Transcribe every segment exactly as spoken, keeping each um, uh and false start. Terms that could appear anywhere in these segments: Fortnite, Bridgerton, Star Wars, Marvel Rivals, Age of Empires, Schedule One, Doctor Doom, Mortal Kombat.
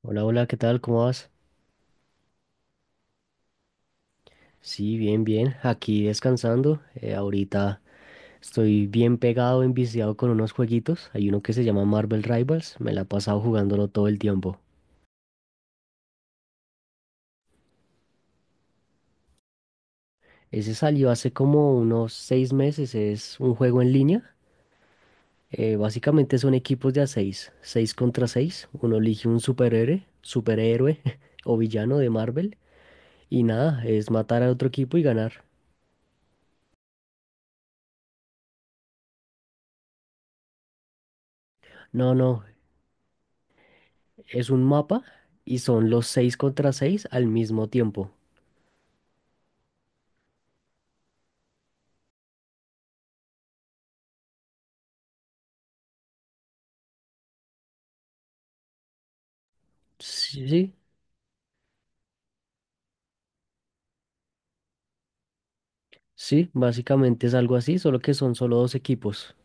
Hola, hola, ¿qué tal? ¿Cómo vas? Sí, bien, bien. Aquí descansando. Eh, ahorita estoy bien pegado, enviciado con unos jueguitos. Hay uno que se llama Marvel Rivals. Me la he pasado jugándolo todo el tiempo. Ese salió hace como unos seis meses. Es un juego en línea. Eh, básicamente son equipos de a seis. Seis contra seis. Uno elige un superhéroe, superhéroe o villano de Marvel. Y nada, es matar a otro equipo y ganar. No, no, es un mapa y son los seis contra seis al mismo tiempo. Sí, sí, sí, básicamente es algo así, solo que son solo dos equipos.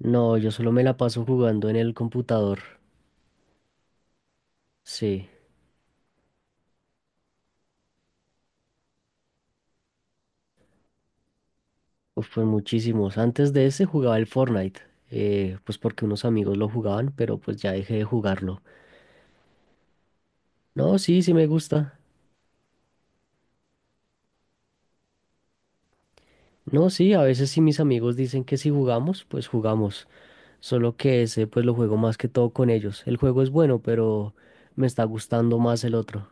No, yo solo me la paso jugando en el computador. Sí, uf, pues muchísimos. Antes de ese jugaba el Fortnite, eh, pues porque unos amigos lo jugaban, pero pues ya dejé de jugarlo. No, sí, sí me gusta. No, sí, a veces sí mis amigos dicen que si jugamos, pues jugamos. Solo que ese pues lo juego más que todo con ellos. El juego es bueno, pero me está gustando más el otro.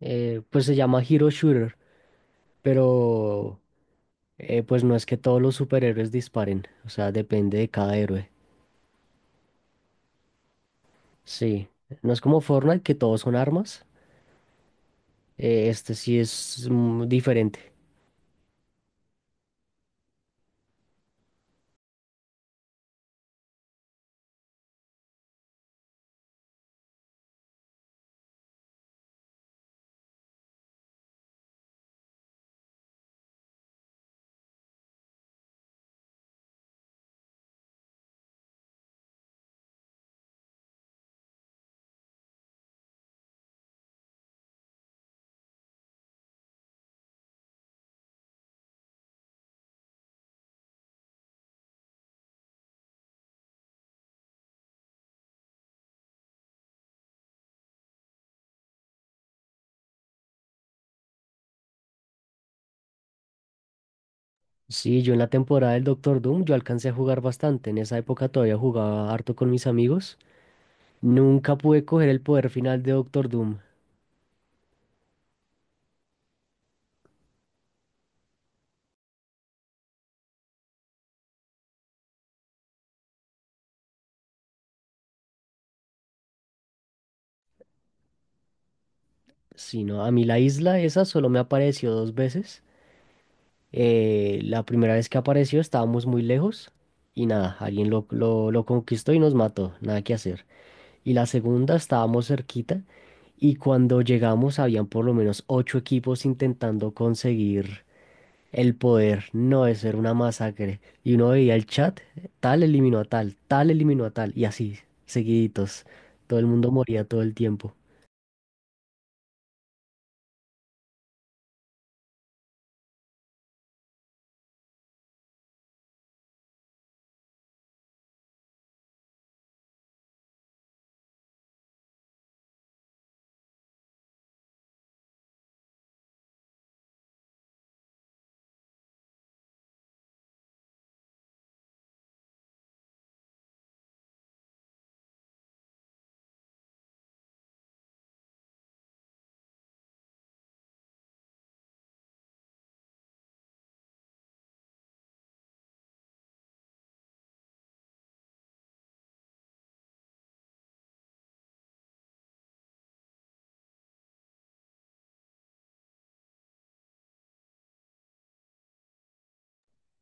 Eh, pues se llama Hero Shooter, pero... Eh, pues no es que todos los superhéroes disparen, o sea, depende de cada héroe. Sí, no es como Fortnite que todos son armas, eh, este sí es mm, diferente. Sí, yo en la temporada del Doctor Doom yo alcancé a jugar bastante, en esa época todavía jugaba harto con mis amigos. Nunca pude coger el poder final de Doctor Doom, sino a mí la isla esa solo me apareció dos veces. Eh, la primera vez que apareció estábamos muy lejos y nada, alguien lo, lo, lo conquistó y nos mató, nada que hacer. Y la segunda estábamos cerquita y cuando llegamos habían por lo menos ocho equipos intentando conseguir el poder. No, eso era una masacre. Y uno veía el chat, tal eliminó a tal, tal eliminó a tal y así, seguiditos. Todo el mundo moría todo el tiempo.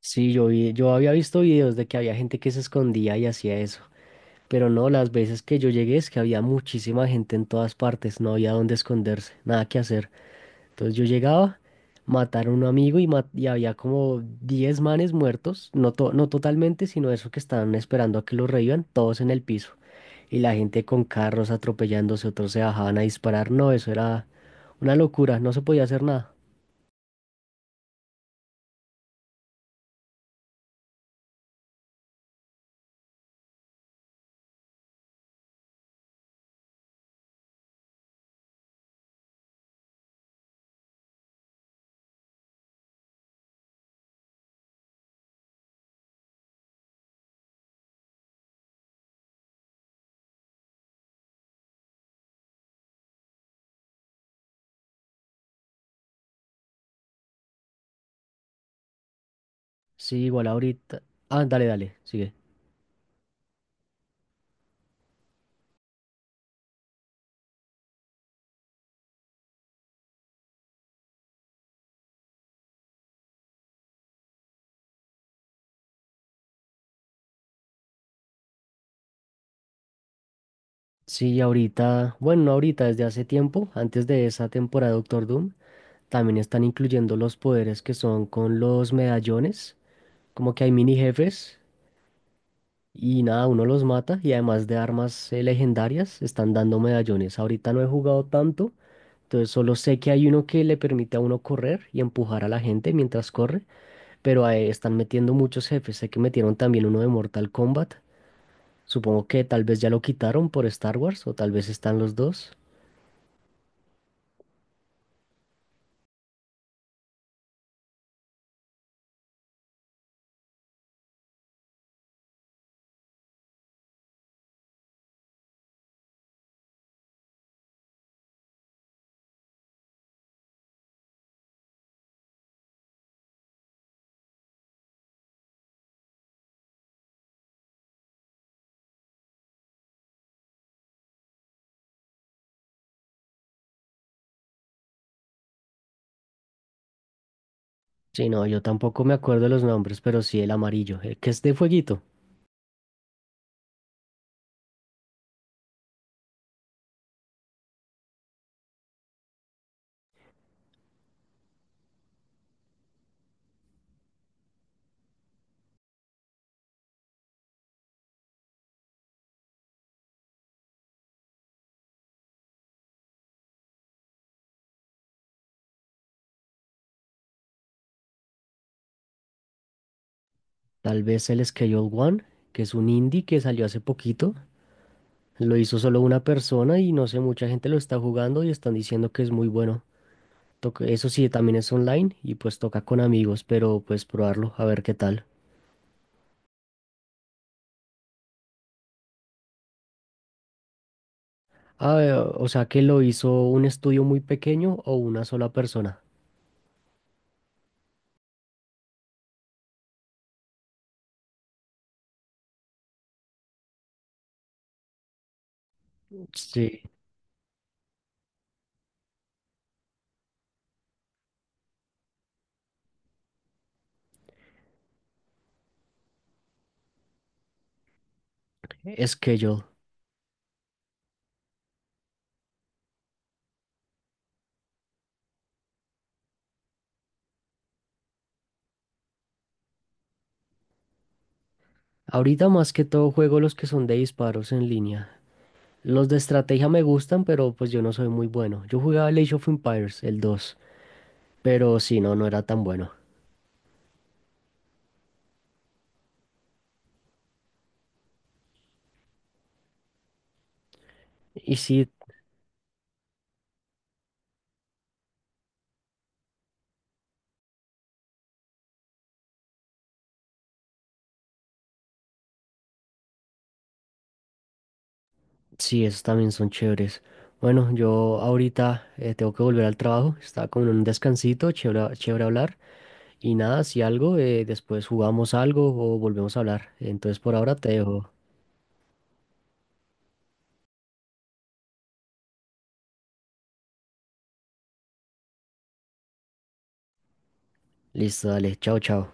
Sí, yo vi, yo había visto videos de que había gente que se escondía y hacía eso. Pero no, las veces que yo llegué es que había muchísima gente en todas partes, no había dónde esconderse, nada que hacer. Entonces yo llegaba, matar a un amigo y, ma- y había como diez manes muertos, no, to- no totalmente, sino eso que estaban esperando a que los revivan, todos en el piso. Y la gente con carros atropellándose, otros se bajaban a disparar. No, eso era una locura, no se podía hacer nada. Sí, igual ahorita. Ah, dale, dale, sigue. Sí, ahorita, bueno, no ahorita, desde hace tiempo, antes de esa temporada de Doctor Doom, también están incluyendo los poderes que son con los medallones, como que hay mini jefes. Y nada, uno los mata y además de armas eh, legendarias, están dando medallones. Ahorita no he jugado tanto, entonces solo sé que hay uno que le permite a uno correr y empujar a la gente mientras corre, pero ahí están metiendo muchos jefes. Sé que metieron también uno de Mortal Kombat. Supongo que tal vez ya lo quitaron por Star Wars o tal vez están los dos. Sí, no, yo tampoco me acuerdo de los nombres, pero sí el amarillo, el que es de fueguito. Tal vez el Schedule One, que es un indie que salió hace poquito. Lo hizo solo una persona y no sé, mucha gente lo está jugando y están diciendo que es muy bueno. Toca- Eso sí, también es online y pues toca con amigos, pero pues probarlo, a ver qué tal. Ah, eh, o sea que lo hizo un estudio muy pequeño o una sola persona. Sí, es que yo. Ahorita más que todo juego los que son de disparos en línea. Los de estrategia me gustan, pero pues yo no soy muy bueno. Yo jugaba el Age of Empires, el dos, pero si no, no era tan bueno. Y sí, sí, esos también son chéveres. Bueno, yo ahorita eh, tengo que volver al trabajo. Está como en un descansito, chévere, chévere hablar. Y nada, si algo, eh, después jugamos algo o volvemos a hablar. Entonces por ahora te dejo. Listo, dale. Chao, chao.